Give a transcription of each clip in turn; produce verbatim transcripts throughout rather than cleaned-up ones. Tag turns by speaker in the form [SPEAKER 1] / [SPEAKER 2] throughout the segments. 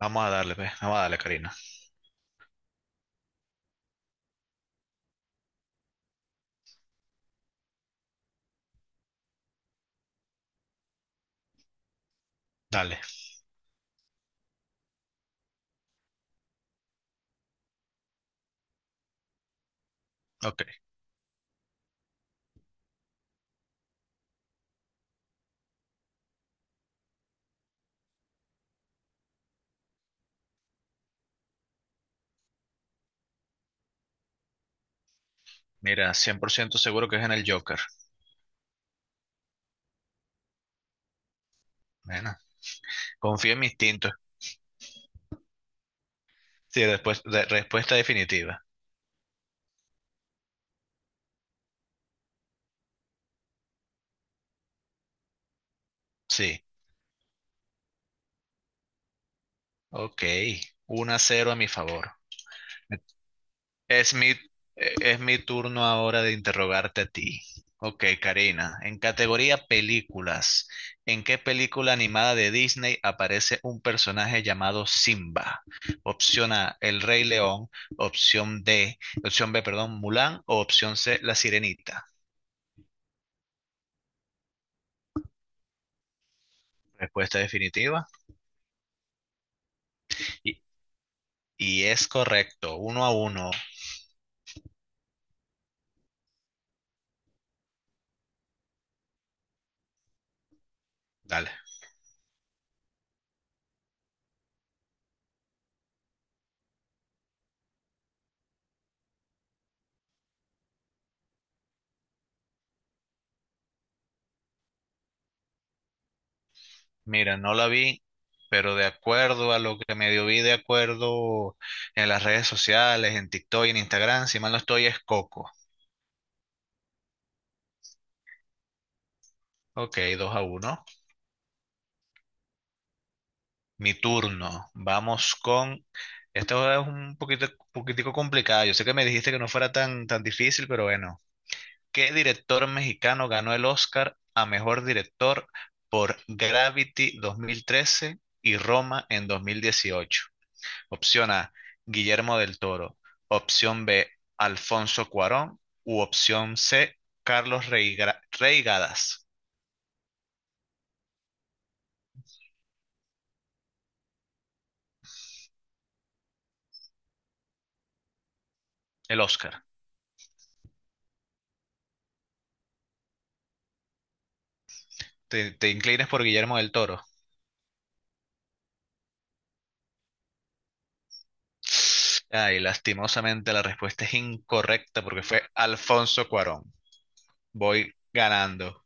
[SPEAKER 1] Vamos a darle, pues. Vamos a darle, Karina. Dale. Ok. Mira, cien por ciento seguro que es en el Joker. Bueno, confío en mi instinto. Sí, después, de- respuesta definitiva. Sí. Ok. Uno a cero a mi favor. Es mi, eh, es mi turno ahora de interrogarte a ti. Ok, Karina, en categoría películas, ¿en qué película animada de Disney aparece un personaje llamado Simba? Opción A, El Rey León, opción D, opción B, perdón, Mulan o opción C, La Sirenita. Respuesta definitiva. Y, y es correcto, uno a uno. Dale. Mira, no la vi, pero de acuerdo a lo que medio vi, de acuerdo en las redes sociales, en TikTok y en Instagram, si mal no estoy, es Coco. Ok, dos a uno. Mi turno. Vamos con... Esto es un poquito, poquitico complicado. Yo sé que me dijiste que no fuera tan, tan difícil, pero bueno. ¿Qué director mexicano ganó el Oscar a mejor director por Gravity dos mil trece y Roma en dos mil dieciocho? Opción A, Guillermo del Toro. Opción B, Alfonso Cuarón. U opción C, Carlos Reigra- Reigadas, el Oscar. ¿Te, te inclinas por Guillermo del Toro? Ay, lastimosamente la respuesta es incorrecta porque fue Alfonso Cuarón. Voy ganando.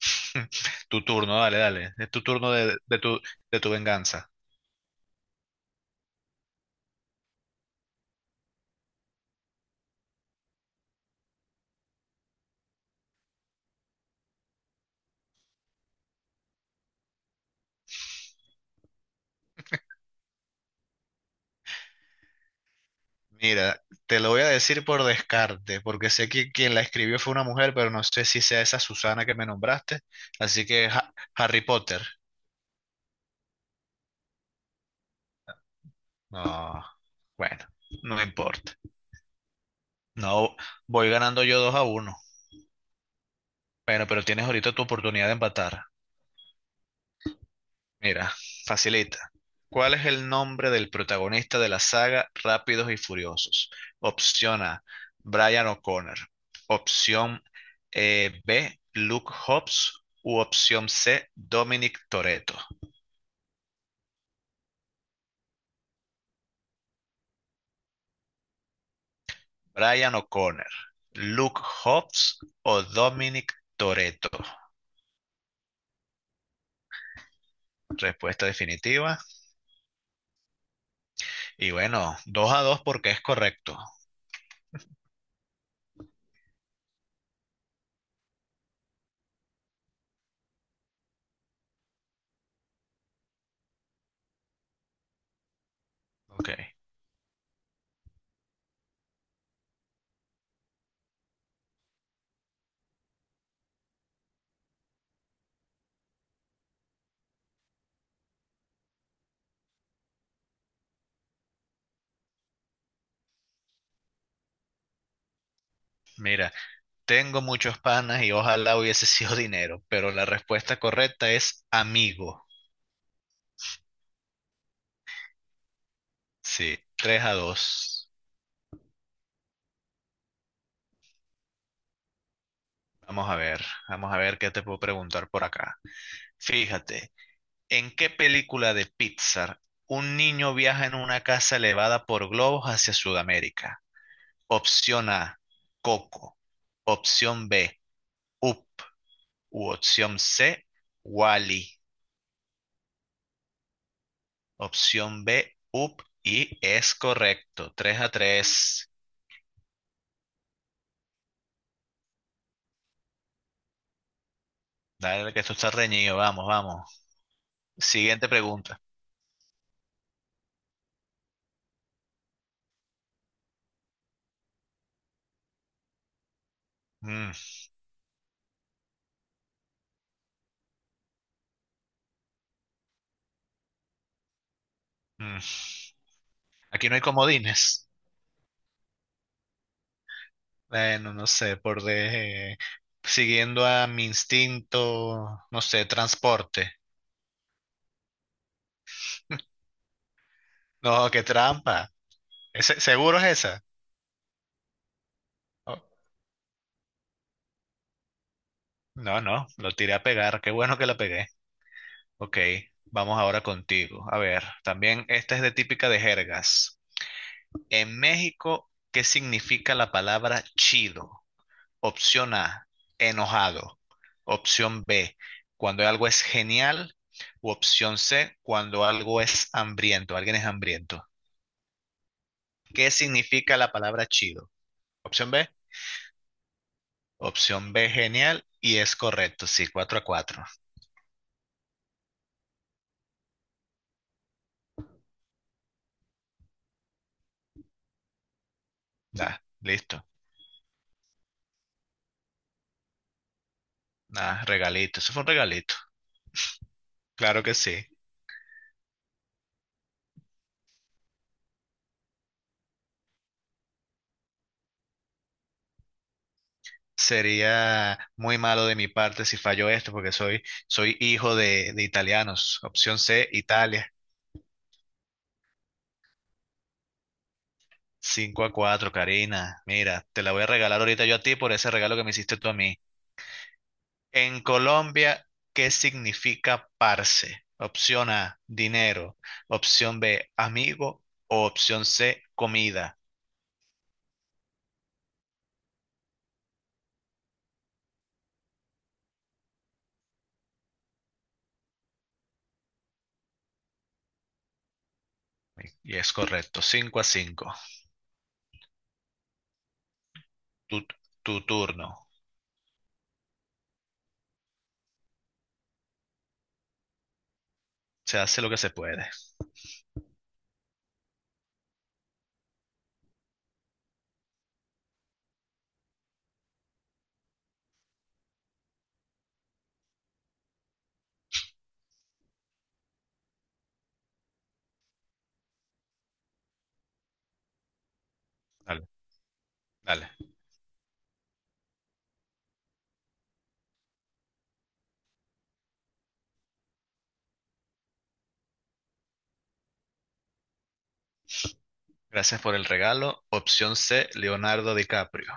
[SPEAKER 1] Tu turno, dale, dale. Es tu turno de, de tu, de tu venganza. Mira, te lo voy a decir por descarte, porque sé que quien la escribió fue una mujer, pero no sé si sea esa Susana que me nombraste. Así que Ha- Harry Potter. No, bueno, no importa. No, voy ganando yo dos a uno. Bueno, pero tienes ahorita tu oportunidad de empatar. Mira, facilita. ¿Cuál es el nombre del protagonista de la saga Rápidos y Furiosos? Opción A, Brian O'Connor. Opción eh, B, Luke Hobbs. U opción C, Dominic Toretto. Brian O'Connor, Luke Hobbs o Dominic Toretto. Respuesta definitiva. Y bueno, dos a dos porque es correcto. Ok. Mira, tengo muchos panas y ojalá hubiese sido dinero, pero la respuesta correcta es amigo. Sí, tres a dos. Vamos a ver, vamos a ver qué te puedo preguntar por acá. Fíjate, ¿en qué película de Pixar un niño viaja en una casa elevada por globos hacia Sudamérica? Opción A, Coco. Opción B, Up. U opción C, Wally. Opción B, Up. Y es correcto, tres a tres. Dale, que esto está reñido. Vamos, vamos. Siguiente pregunta. Mm, mm. Aquí no hay comodines. Bueno, no sé, por de... siguiendo a mi instinto, no sé, transporte. No, qué trampa. ¿Ese- ¿Seguro es esa? Oh, no, no, lo tiré a pegar. Qué bueno que la pegué. Ok, vamos ahora contigo. A ver, también esta es de típica de jergas. En México, ¿qué significa la palabra chido? Opción A, enojado. Opción B, cuando algo es genial. U opción C, cuando algo es hambriento, alguien es hambriento. ¿Qué significa la palabra chido? Opción B, opción B, genial. Y es correcto, sí, cuatro a cuatro. Da, listo. Nada, regalito. Eso fue un regalito. Claro que sí. Sería muy malo de mi parte si fallo esto, porque soy, soy hijo de, de italianos. Opción C, Italia. Cinco a cuatro, Karina. Mira, te la voy a regalar ahorita yo a ti por ese regalo que me hiciste tú a mí. En Colombia, ¿qué significa parce? Opción A, dinero. Opción B, amigo. O opción C, comida. Y es correcto, cinco a cinco. Tu, tu turno. Se hace lo que se puede. Dale, dale. Gracias por el regalo. Opción C, Leonardo DiCaprio.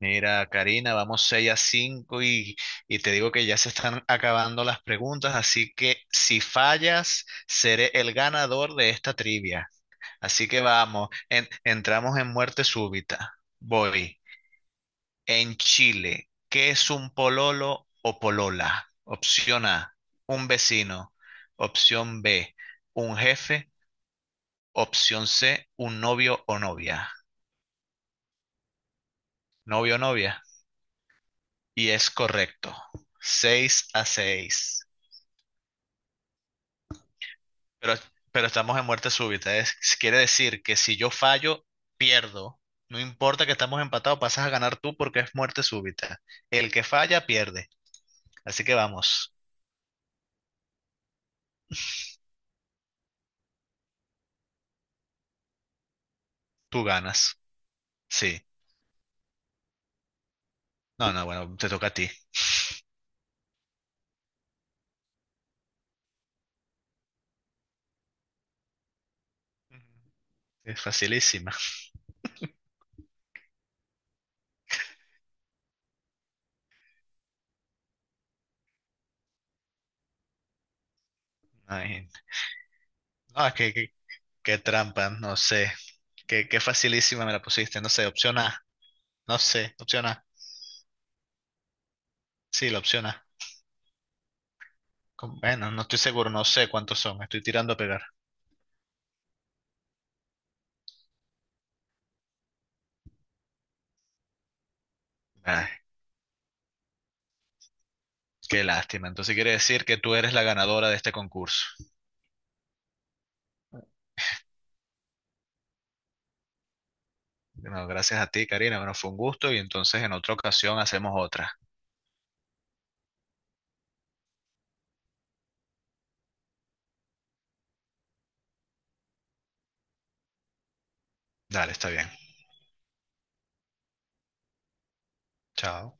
[SPEAKER 1] Mira, Karina, vamos seis a cinco y, y te digo que ya se están acabando las preguntas, así que si fallas, seré el ganador de esta trivia. Así que vamos, en- entramos en muerte súbita. Voy. En Chile, ¿qué es un pololo o polola? Opción A, un vecino. Opción B, un jefe. Opción C, un novio o novia. Novio o novia. Y es correcto. Seis a seis. Pero, pero estamos en muerte súbita. Es, quiere decir que si yo fallo, pierdo. No importa que estamos empatados, pasas a ganar tú porque es muerte súbita. El que falla, pierde. Así que vamos, tú ganas. Sí. No, no, bueno, te toca a ti. Es facilísima. Ay, no, es que, que- qué trampa, no sé. Qué, qué facilísima me la pusiste, no sé. Opción A, no sé. Opción A. Sí, la opción A. Con- Bueno, no estoy seguro, no sé cuántos son. Estoy tirando a pegar. Ay, qué lástima. Entonces quiere decir que tú eres la ganadora de este concurso. Bueno, gracias a ti, Karina. Bueno, fue un gusto y entonces en otra ocasión hacemos otra. Dale, está bien. Chao.